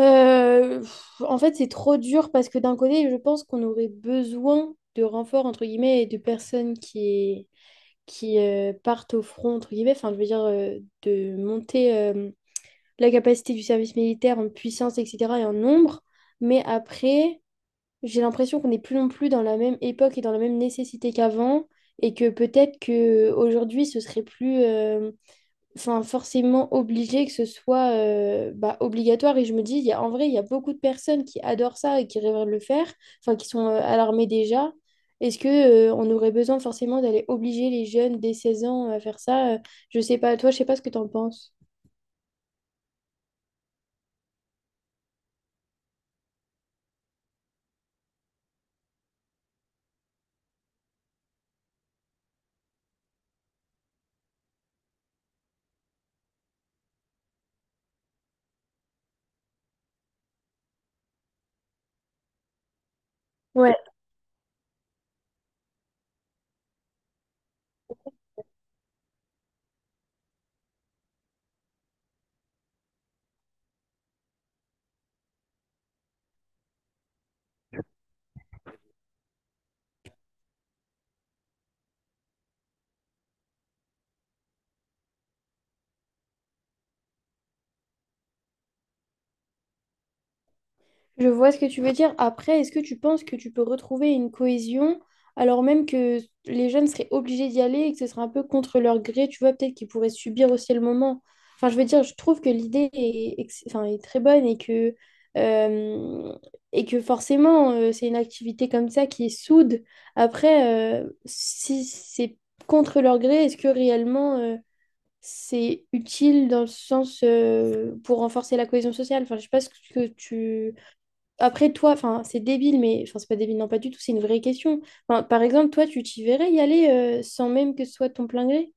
En fait, c'est trop dur parce que d'un côté, je pense qu'on aurait besoin de renforts, entre guillemets, et de personnes qui partent au front, entre guillemets, enfin, je veux dire, de monter la capacité du service militaire en puissance, etc., et en nombre. Mais après, j'ai l'impression qu'on n'est plus non plus dans la même époque et dans la même nécessité qu'avant, et que peut-être que aujourd'hui ce serait plus, enfin, forcément obligé que ce soit bah, obligatoire. Et je me dis, il y a, en vrai, il y a beaucoup de personnes qui adorent ça et qui rêveraient de le faire, enfin, qui sont à l'armée déjà. Est-ce que on aurait besoin forcément d'aller obliger les jeunes dès 16 ans à faire ça? Je sais pas, toi, je sais pas ce que tu en penses. Ouais, je vois ce que tu veux dire. Après, est-ce que tu penses que tu peux retrouver une cohésion alors même que les jeunes seraient obligés d'y aller et que ce serait un peu contre leur gré, tu vois, peut-être qu'ils pourraient subir aussi le moment. Enfin, je veux dire, je trouve que l'idée est, ex- enfin, est très bonne euh, et que forcément, c'est une activité comme ça qui est soude. Après, si c'est contre leur gré, est-ce que réellement, c'est utile dans le sens, pour renforcer la cohésion sociale? Enfin, je sais pas ce que tu après, toi, enfin, c'est débile, mais enfin, c'est pas débile, non, pas du tout, c'est une vraie question. Enfin, par exemple, toi, tu t'y verrais y aller sans même que ce soit ton plein gré?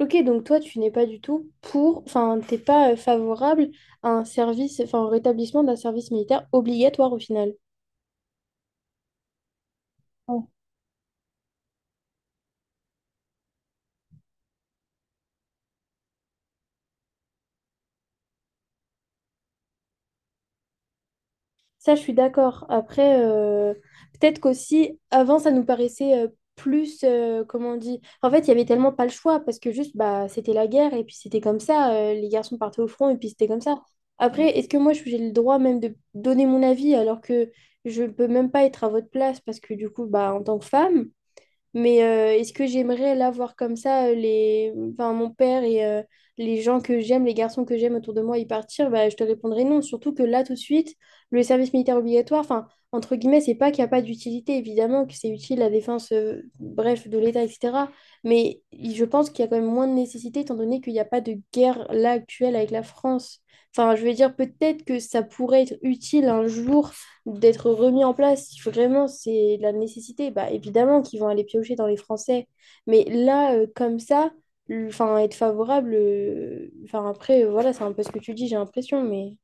Ok, donc toi, tu n'es pas du tout pour, enfin, t'es pas favorable à un service, enfin, au rétablissement d'un service militaire obligatoire au final. Ça, je suis d'accord. Après, peut-être qu'aussi, avant, ça nous paraissait plus, comment on dit, en fait, il y avait tellement pas le choix parce que juste, bah, c'était la guerre et puis c'était comme ça, les garçons partaient au front et puis c'était comme ça. Après, est-ce que moi, j'ai le droit même de donner mon avis alors que je peux même pas être à votre place parce que du coup, bah, en tant que femme, mais est-ce que j'aimerais là voir comme ça enfin, mon père et les gens que j'aime, les garçons que j'aime autour de moi y partir? Bah, je te répondrai non. Surtout que là, tout de suite, le service militaire obligatoire, enfin, entre guillemets, c'est pas qu'il n'y a pas d'utilité, évidemment, que c'est utile à la défense, bref, de l'État, etc. Mais je pense qu'il y a quand même moins de nécessité étant donné qu'il n'y a pas de guerre là actuelle avec la France. Enfin, je veux dire, peut-être que ça pourrait être utile un jour d'être remis en place. Il faut vraiment, c'est de la nécessité. Bah, évidemment qu'ils vont aller piocher dans les Français. Mais là, comme ça, enfin, être favorable, enfin, après, voilà, c'est un peu ce que tu dis, j'ai l'impression, mais.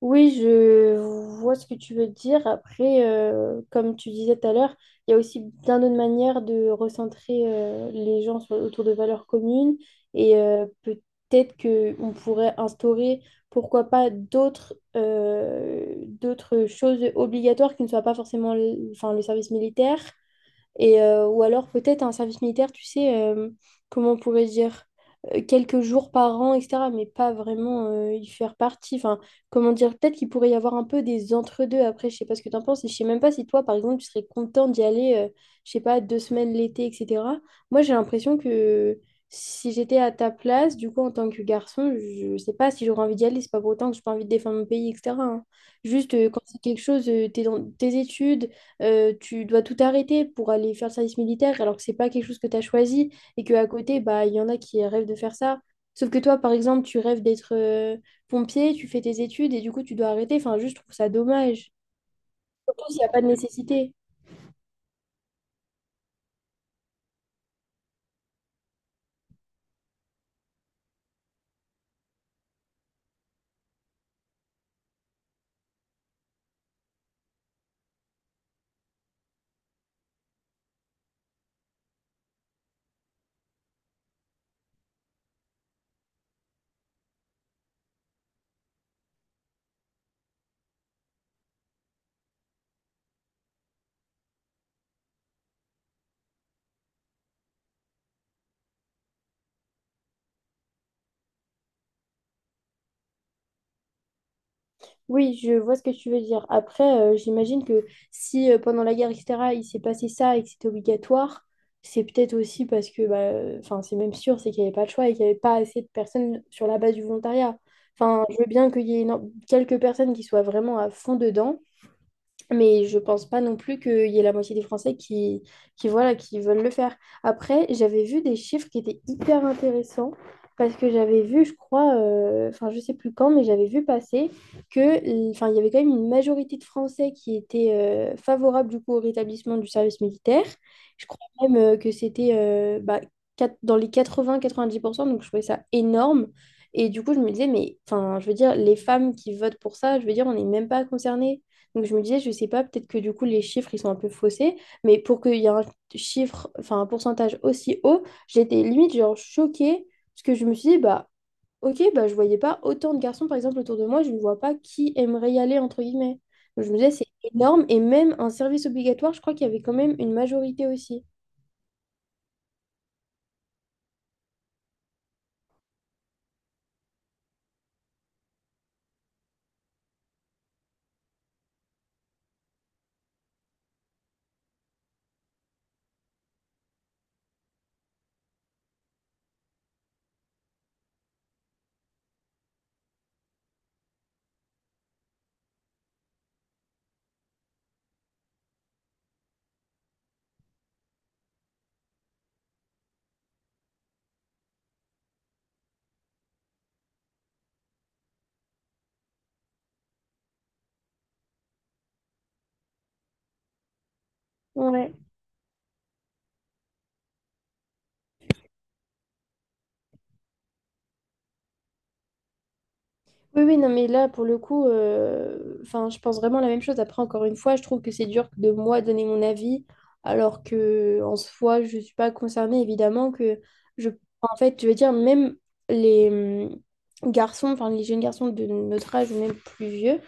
Oui, je vois ce que tu veux dire. Après, comme tu disais tout à l'heure, il y a aussi bien d'autres manières de recentrer les gens autour de valeurs communes et peut-être que on pourrait instaurer, pourquoi pas, d'autres choses obligatoires qui ne soient pas forcément le, enfin, le service militaire et, ou alors peut-être un service militaire, tu sais, comment on pourrait dire, quelques jours par an, etc. Mais pas vraiment y faire partie. Enfin, comment dire, peut-être qu'il pourrait y avoir un peu des entre-deux après, je sais pas ce que t'en penses. Et je sais même pas si toi, par exemple, tu serais content d'y aller, je sais pas, 2 semaines l'été, etc. Moi, j'ai l'impression que si j'étais à ta place, du coup, en tant que garçon, je sais pas si j'aurais envie d'y aller. C'est pas pour autant que j'ai pas envie de défendre mon pays, etc. hein. Juste, quand c'est quelque chose, t'es dans tes études tu dois tout arrêter pour aller faire le service militaire alors que c'est pas quelque chose que tu as choisi et que à côté, bah, il y en a qui rêvent de faire ça. Sauf que toi, par exemple, tu rêves d'être pompier, tu fais tes études et du coup, tu dois arrêter. Enfin, juste, je trouve ça dommage. Surtout s'il n'y a pas de nécessité. Oui, je vois ce que tu veux dire. Après, j'imagine que si pendant la guerre, etc., il s'est passé ça et que c'était obligatoire, c'est peut-être aussi parce que, bah, enfin, c'est même sûr, c'est qu'il n'y avait pas de choix et qu'il n'y avait pas assez de personnes sur la base du volontariat. Enfin, je veux bien qu'il y ait quelques personnes qui soient vraiment à fond dedans, mais je pense pas non plus qu'il y ait la moitié des Français qui, voilà, qui veulent le faire. Après, j'avais vu des chiffres qui étaient hyper intéressants parce que j'avais vu, je crois, enfin, je sais plus quand, mais j'avais vu passer que, enfin, il y avait quand même une majorité de Français qui étaient favorables du coup au rétablissement du service militaire. Je crois même que c'était bah, dans les 80-90% donc je trouvais ça énorme. Et du coup, je me disais, mais enfin, je veux dire, les femmes qui votent pour ça, je veux dire, on n'est même pas concerné. Donc je me disais, je sais pas, peut-être que du coup les chiffres ils sont un peu faussés, mais pour qu'il y ait un chiffre, enfin un pourcentage aussi haut, j'étais limite genre choquée, parce que je me suis dit, bah ok, bah je voyais pas autant de garçons par exemple autour de moi, je ne vois pas qui aimerait y aller entre guillemets. Donc je me disais, c'est énorme, et même un service obligatoire, je crois qu'il y avait quand même une majorité aussi. Ouais. Oui, oui, non, mais là, pour le coup, enfin, je pense vraiment la même chose. Après, encore une fois, je trouve que c'est dur de moi donner mon avis, alors que en soi, je ne suis pas concernée, évidemment, que je... En fait, je veux dire, même les garçons, enfin, les jeunes garçons de notre âge ou même plus vieux,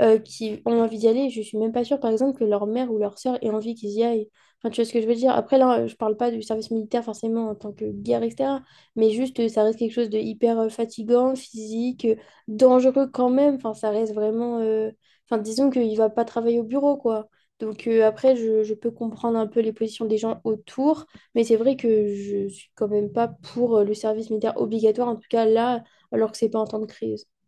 qui ont envie d'y aller, je suis même pas sûre, par exemple, que leur mère ou leur sœur ait envie qu'ils y aillent. Enfin, tu vois ce que je veux dire? Après, là, je parle pas du service militaire forcément en tant que guerre, etc. Mais juste, ça reste quelque chose de hyper fatigant, physique dangereux quand même. Enfin, ça reste vraiment. Enfin, disons qu'il va pas travailler au bureau, quoi. Donc après, je peux comprendre un peu les positions des gens autour, mais c'est vrai que je suis quand même pas pour le service militaire obligatoire, en tout cas là, alors que c'est pas en temps de crise.